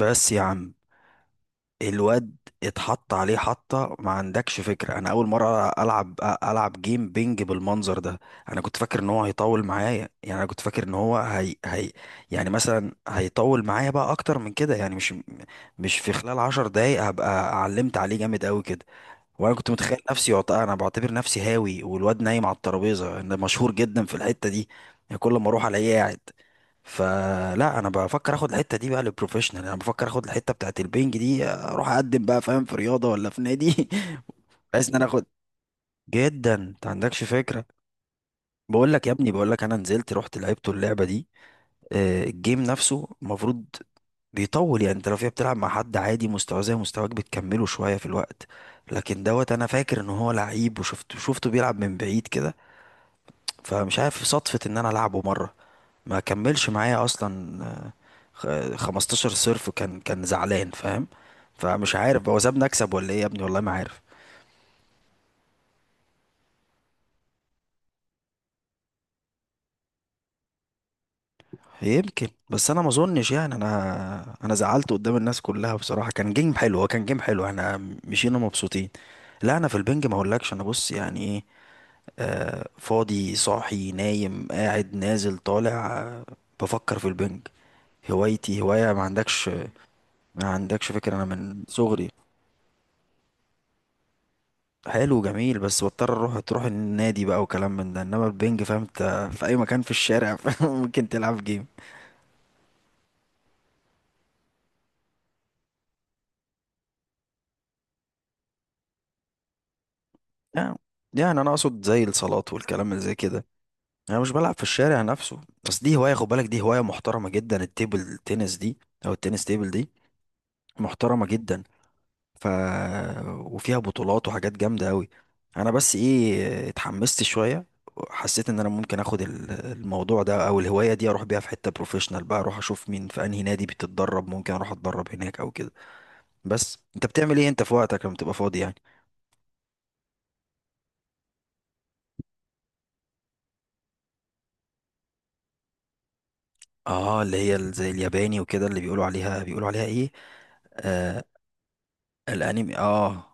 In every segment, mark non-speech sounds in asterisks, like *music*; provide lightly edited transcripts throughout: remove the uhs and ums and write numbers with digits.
بس يا عم، الواد اتحط عليه حطة. ما عندكش فكرة، انا اول مرة العب جيم بينج بالمنظر ده. انا كنت فاكر ان هو هيطول معايا. يعني، انا كنت فاكر ان هو هي هي يعني مثلا هيطول معايا بقى اكتر من كده، يعني مش في خلال عشر دقايق هبقى علمت عليه جامد قوي كده. وانا كنت متخيل نفسي انا بعتبر نفسي هاوي، والواد نايم على الترابيزه. انا مشهور جدا في الحته دي، يعني كل ما اروح الاقيه قاعد. فلا، انا بفكر اخد الحته دي بقى للبروفيشنال، انا بفكر اخد الحته بتاعت البنج دي اروح اقدم بقى، فاهم، في رياضه ولا في نادي *laughs* بحيث ان انا اخد جدا، انت عندكش فكره. بقول لك يا ابني، بقول لك انا نزلت رحت لعبت اللعبه دي. آه، الجيم نفسه المفروض بيطول. يعني انت لو فيها بتلعب مع حد عادي مستواه زي مستواك بتكمله شوية في الوقت، لكن دوت انا فاكر ان هو لعيب، وشفته بيلعب من بعيد كده. فمش عارف، صدفة ان انا العبه مرة ما كملش معايا اصلا. 15 صرف. كان زعلان، فاهم. فمش عارف هو سابني اكسب ولا ايه، يا ابني والله ما عارف. يمكن، بس انا ما اظنش. يعني انا زعلت قدام الناس كلها بصراحه. كان جيم حلو، هو كان جيم حلو، احنا مشينا مبسوطين. لا انا في البنج ما اقولكش، انا بص يعني ايه. آه، فاضي صاحي نايم قاعد نازل طالع، آه، بفكر في البنج. هوايتي، هوايه ما عندكش، ما عندكش فكره، انا من صغري. حلو جميل، بس بضطر اروح تروح النادي بقى وكلام من ده. انما البنج فاهم انت في اي مكان في الشارع *laughs* ممكن تلعب جيم. يعني يعني انا اقصد زي الصالات والكلام اللي زي كده، انا مش بلعب في الشارع نفسه. بس دي هوايه، خد بالك، دي هوايه محترمه جدا، التيبل تنس دي او التنس تيبل دي، محترمه جدا. ف وفيها بطولات وحاجات جامده قوي. انا بس ايه، اتحمست شويه، حسيت ان انا ممكن اخد الموضوع ده او الهوايه دي اروح بيها في حته بروفيشنال بقى، اروح اشوف مين في انهي نادي بتتدرب، ممكن اروح اتدرب هناك او كده. بس انت بتعمل ايه انت في وقتك لما تبقى فاضي يعني؟ اه اللي هي زي الياباني وكده، اللي بيقولوا عليها، بيقولوا عليها ايه؟ آه، الانمي، اه.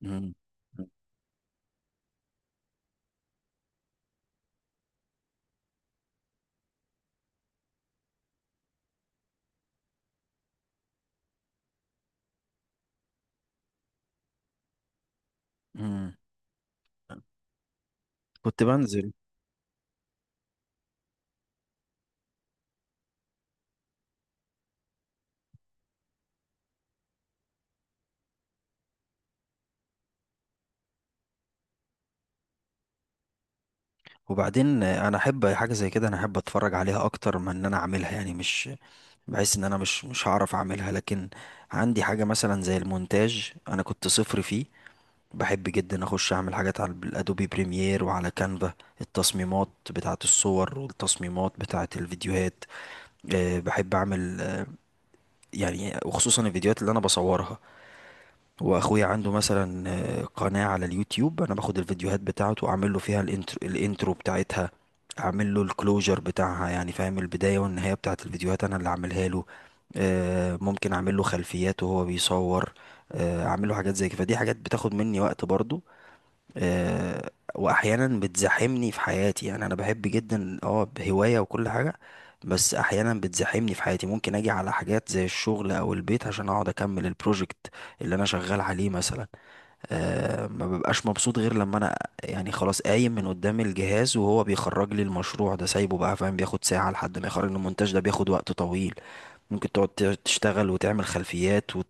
مم. مم. كنت بنزل. وبعدين انا احب حاجه زي كده، انا احب اتفرج عليها اكتر من ان انا اعملها. يعني مش، بحس ان انا مش هعرف اعملها، لكن عندي حاجه مثلا زي المونتاج، انا كنت صفر فيه. بحب جدا اخش اعمل حاجات على الادوبي بريمير وعلى كانفا، التصميمات بتاعه الصور والتصميمات بتاعه الفيديوهات. أه بحب اعمل، أه، يعني وخصوصا الفيديوهات اللي انا بصورها. واخويا عنده مثلا قناة على اليوتيوب، انا باخد الفيديوهات بتاعته واعمل له فيها الانترو، الانترو، بتاعتها، اعمل له الكلوجر بتاعها. يعني فاهم، البداية والنهاية بتاعت الفيديوهات انا اللي اعملها له. ممكن اعمل له خلفيات وهو بيصور، اعمل له حاجات زي كده. فدي حاجات بتاخد مني وقت برضو. واحيانا بتزاحمني في حياتي. يعني انا بحب جدا، اه، هواية وكل حاجة، بس احيانا بتزاحمني في حياتي. ممكن اجي على حاجات زي الشغل او البيت عشان اقعد اكمل البروجكت اللي انا شغال عليه مثلا. أه ما ببقاش مبسوط غير لما انا، يعني، خلاص قايم من قدام الجهاز وهو بيخرج لي المشروع ده سايبه بقى، فاهم، بياخد ساعة لحد ما يخرج لي المونتاج ده، بياخد وقت طويل. ممكن تقعد تشتغل وتعمل خلفيات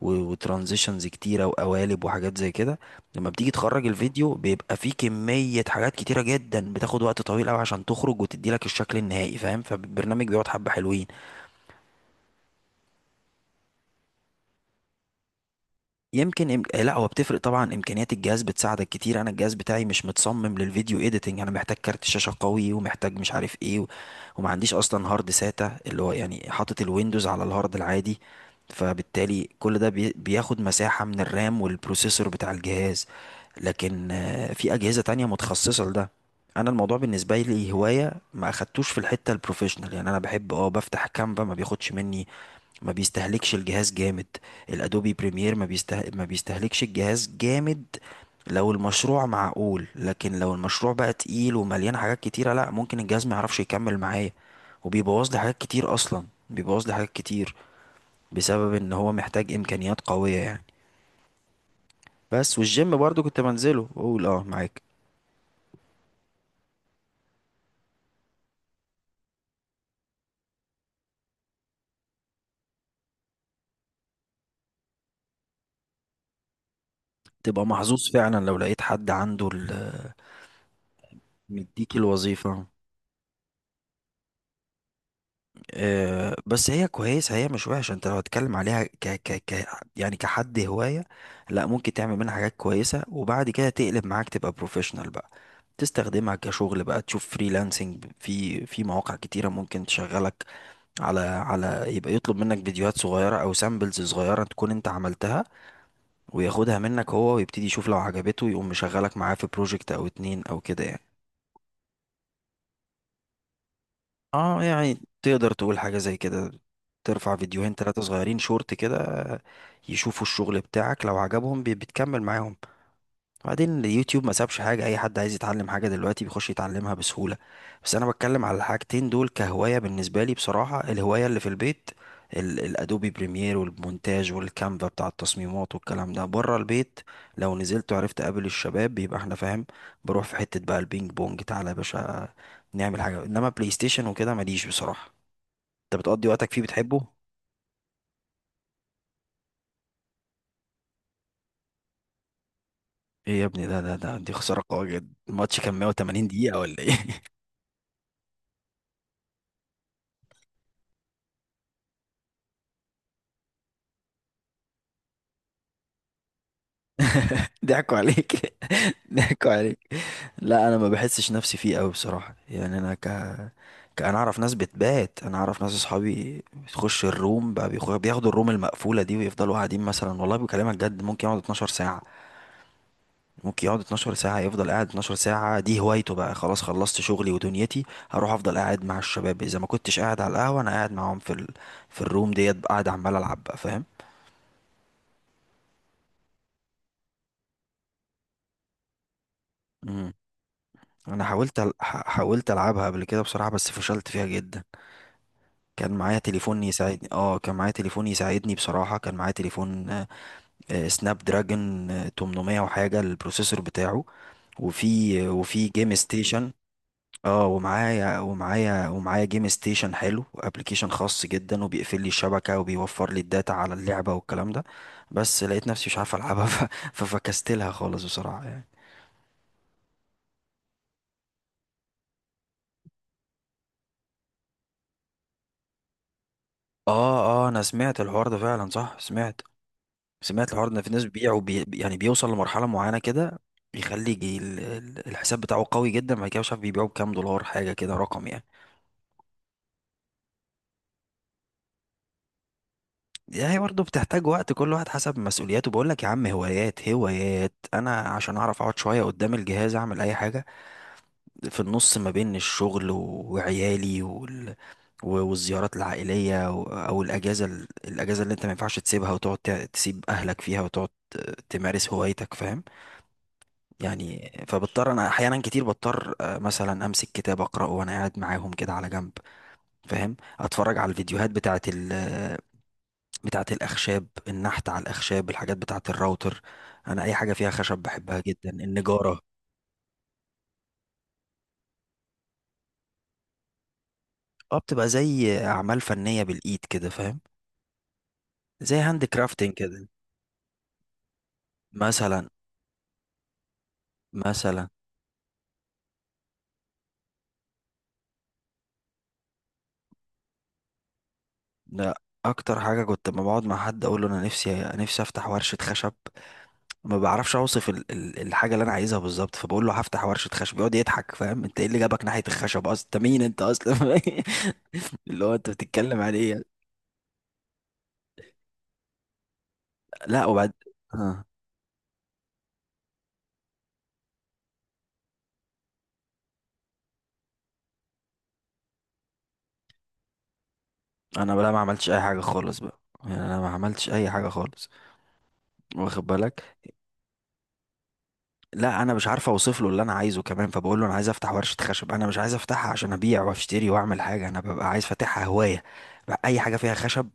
وترانزيشنز كتيرة وقوالب وحاجات زي كده. لما بتيجي تخرج الفيديو بيبقى فيه كمية حاجات كتيرة جدا بتاخد وقت طويل قوي عشان تخرج وتدي لك الشكل النهائي، فاهم، فالبرنامج بيقعد حبة حلوين. يمكن إم... آه، لا هو بتفرق طبعا، امكانيات الجهاز بتساعدك كتير. انا الجهاز بتاعي مش متصمم للفيديو ايديتنج. انا محتاج كارت شاشه قوي، ومحتاج مش عارف ايه وما عنديش اصلا هارد ساتا، اللي هو يعني حاطط الويندوز على الهارد العادي، فبالتالي كل ده بياخد مساحه من الرام والبروسيسور بتاع الجهاز. لكن في اجهزه تانية متخصصه لده. انا الموضوع بالنسبه لي هوايه، ما اخدتوش في الحته البروفيشنال. يعني انا بحب اه، بفتح كانفا ما بياخدش مني، ما بيستهلكش الجهاز جامد. الادوبي بريمير ما بيستهلكش الجهاز جامد لو المشروع معقول، لكن لو المشروع بقى تقيل ومليان حاجات كتيرة، لا، ممكن الجهاز ما يعرفش يكمل معايا. وبيبوظ لي حاجات كتير، اصلا بيبوظ لي حاجات كتير، بسبب ان هو محتاج امكانيات قوية يعني. بس والجيم برضو كنت بنزله، بقول اه معاك. تبقى محظوظ فعلا لو لقيت حد عنده مديك الوظيفة. بس هي كويسة، هي مش وحشة. انت لو هتتكلم عليها ك يعني كحد هواية، لا ممكن تعمل منها حاجات كويسة، وبعد كده تقلب معاك تبقى بروفيشنال بقى، تستخدمها كشغل بقى، تشوف فريلانسنج في مواقع كتيرة ممكن تشغلك. على يبقى يطلب منك فيديوهات صغيرة او سامبلز صغيرة تكون انت عملتها، وياخدها منك هو، ويبتدي يشوف لو عجبته يقوم مشغلك معاه في بروجكت او اتنين او كده يعني. اه يعني تقدر تقول حاجة زي كده، ترفع فيديوهين ثلاثة صغيرين شورت كده. يشوفوا الشغل بتاعك، لو عجبهم بتكمل معاهم. وبعدين اليوتيوب ما سابش حاجة، أي حد عايز يتعلم حاجة دلوقتي بيخش يتعلمها بسهولة. بس أنا بتكلم على الحاجتين دول كهواية بالنسبة لي. بصراحة الهواية اللي في البيت الأدوبي بريمير والمونتاج والكانفا بتاع التصميمات والكلام ده. بره البيت، لو نزلت وعرفت أقابل الشباب بيبقى احنا فاهم، بروح في حتة بقى البينج بونج تعالى يا باشا، نعمل حاجة. إنما بلاي ستيشن وكده ماليش بصراحة. أنت بتقضي وقتك فيه بتحبه؟ إيه يا ابني، ده دي خسارة قوية جدا. الماتش كان 180 دقيقة ولا إيه؟ *laughs* ضحكوا عليك. *laughs* ضحكوا عليك. لا انا ما بحسش نفسي فيه قوي بصراحه. يعني انا انا اعرف ناس بتبات، انا اعرف ناس اصحابي بتخش الروم بقى، بياخدوا الروم المقفوله دي ويفضلوا قاعدين. مثلا والله بكلمك جد ممكن يقعد 12 ساعه، ممكن يقعد 12 ساعه، يفضل قاعد 12 ساعه، دي هوايته بقى. خلاص خلصت شغلي ودنيتي، هروح افضل قاعد مع الشباب، اذا ما كنتش قاعد على القهوه انا قاعد معاهم في الروم، ديت قاعد عمال العب بقى، فاهم. امم، انا حاولت العبها قبل كده بصراحه، بس فشلت فيها جدا. كان معايا تليفون يساعدني، اه كان معايا تليفون يساعدني بصراحة، كان معايا تليفون، آه، سناب دراجون 800 وحاجة البروسيسور بتاعه، وفي جيم ستيشن. اه ومعايا جيم ستيشن حلو، وابلكيشن خاص جدا وبيقفل لي الشبكة وبيوفر لي الداتا على اللعبة والكلام ده. بس لقيت نفسي مش عارف العبها *laughs* ف- ففكستلها خالص بصراحة يعني. اه انا سمعت الحوار ده فعلا، صح سمعت، سمعت الحوار ده ان في ناس بيبيعوا يعني بيوصل لمرحله معينه كده، بيخلي يجي الحساب بتاعه قوي جدا، بعد كده مش عارف بيبيعوا بكام دولار، حاجه كده رقم يعني. هي برضه بتحتاج وقت، كل واحد حسب مسؤولياته. بقول لك يا عم، هوايات هوايات. انا عشان اعرف اقعد شويه قدام الجهاز اعمل اي حاجه في النص ما بين الشغل وعيالي والزيارات العائليه او الاجازه، الاجازه اللي انت ما ينفعش تسيبها وتقعد تسيب اهلك فيها وتقعد تمارس هوايتك، فاهم يعني. فبضطر انا احيانا كتير بضطر، مثلا امسك كتاب اقراه وانا قاعد معاهم كده على جنب، فاهم، اتفرج على الفيديوهات بتاعه بتاعه الاخشاب، النحت على الاخشاب، الحاجات بتاعه الراوتر. انا اي حاجه فيها خشب بحبها جدا، النجاره. اه بتبقى زي اعمال فنيه بالايد كده، فاهم، زي هاند كرافتنج كده. مثلا، مثلا، ده اكتر حاجه. كنت لما بقعد مع حد اقول له انا نفسي افتح ورشه خشب. ما بعرفش اوصف الحاجه اللي انا عايزها بالظبط، فبقول له هفتح ورشه خشب، يقعد يضحك، فاهم، انت ايه اللي جابك ناحيه الخشب اصلا، انت مين انت اصلا. *laughs* اللي هو انت بتتكلم على ايه؟ لا، وبعد، آه. انا بقى ما عملتش اي حاجه خالص بقى، يعني انا ما عملتش اي حاجه خالص، واخد بالك. لا انا مش عارف اوصف له اللي انا عايزه كمان، فبقول له انا عايز افتح ورشه خشب، انا مش عايز افتحها عشان ابيع واشتري واعمل حاجه، انا ببقى عايز فاتحها هوايه بقى. اي حاجه فيها خشب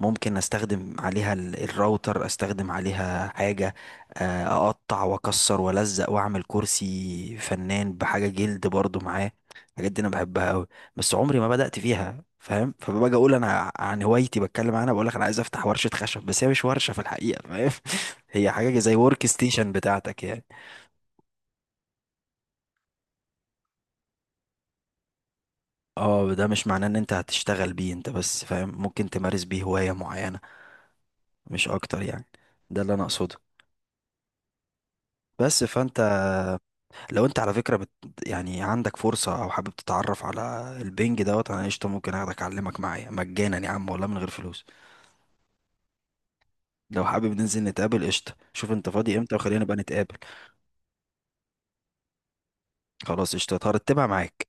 ممكن استخدم عليها الراوتر، استخدم عليها حاجه، اقطع واكسر والزق واعمل كرسي فنان بحاجه جلد برضو معاه. الحاجات دي انا بحبها قوي، بس عمري ما بدات فيها، فاهم. فباجي اقول انا عن هوايتي بتكلم عنها بقول لك انا عايز افتح ورشه خشب، بس هي مش ورشه في الحقيقه، فاهم *laughs* هي حاجه زي ورك ستيشن بتاعتك يعني. اه ده مش معناه ان انت هتشتغل بيه انت، بس فاهم ممكن تمارس بيه هواية معينة، مش اكتر يعني. ده اللي انا اقصده. بس فانت، لو انت على فكرة يعني عندك فرصة او حابب تتعرف على البنج، دوت انا قشطة ممكن اخدك اعلمك معايا مجانا يا عم، والله من غير فلوس. لو حابب ننزل نتقابل قشطة، شوف انت فاضي امتى وخلينا نبقى نتقابل. خلاص قشطة هرتبها معاك.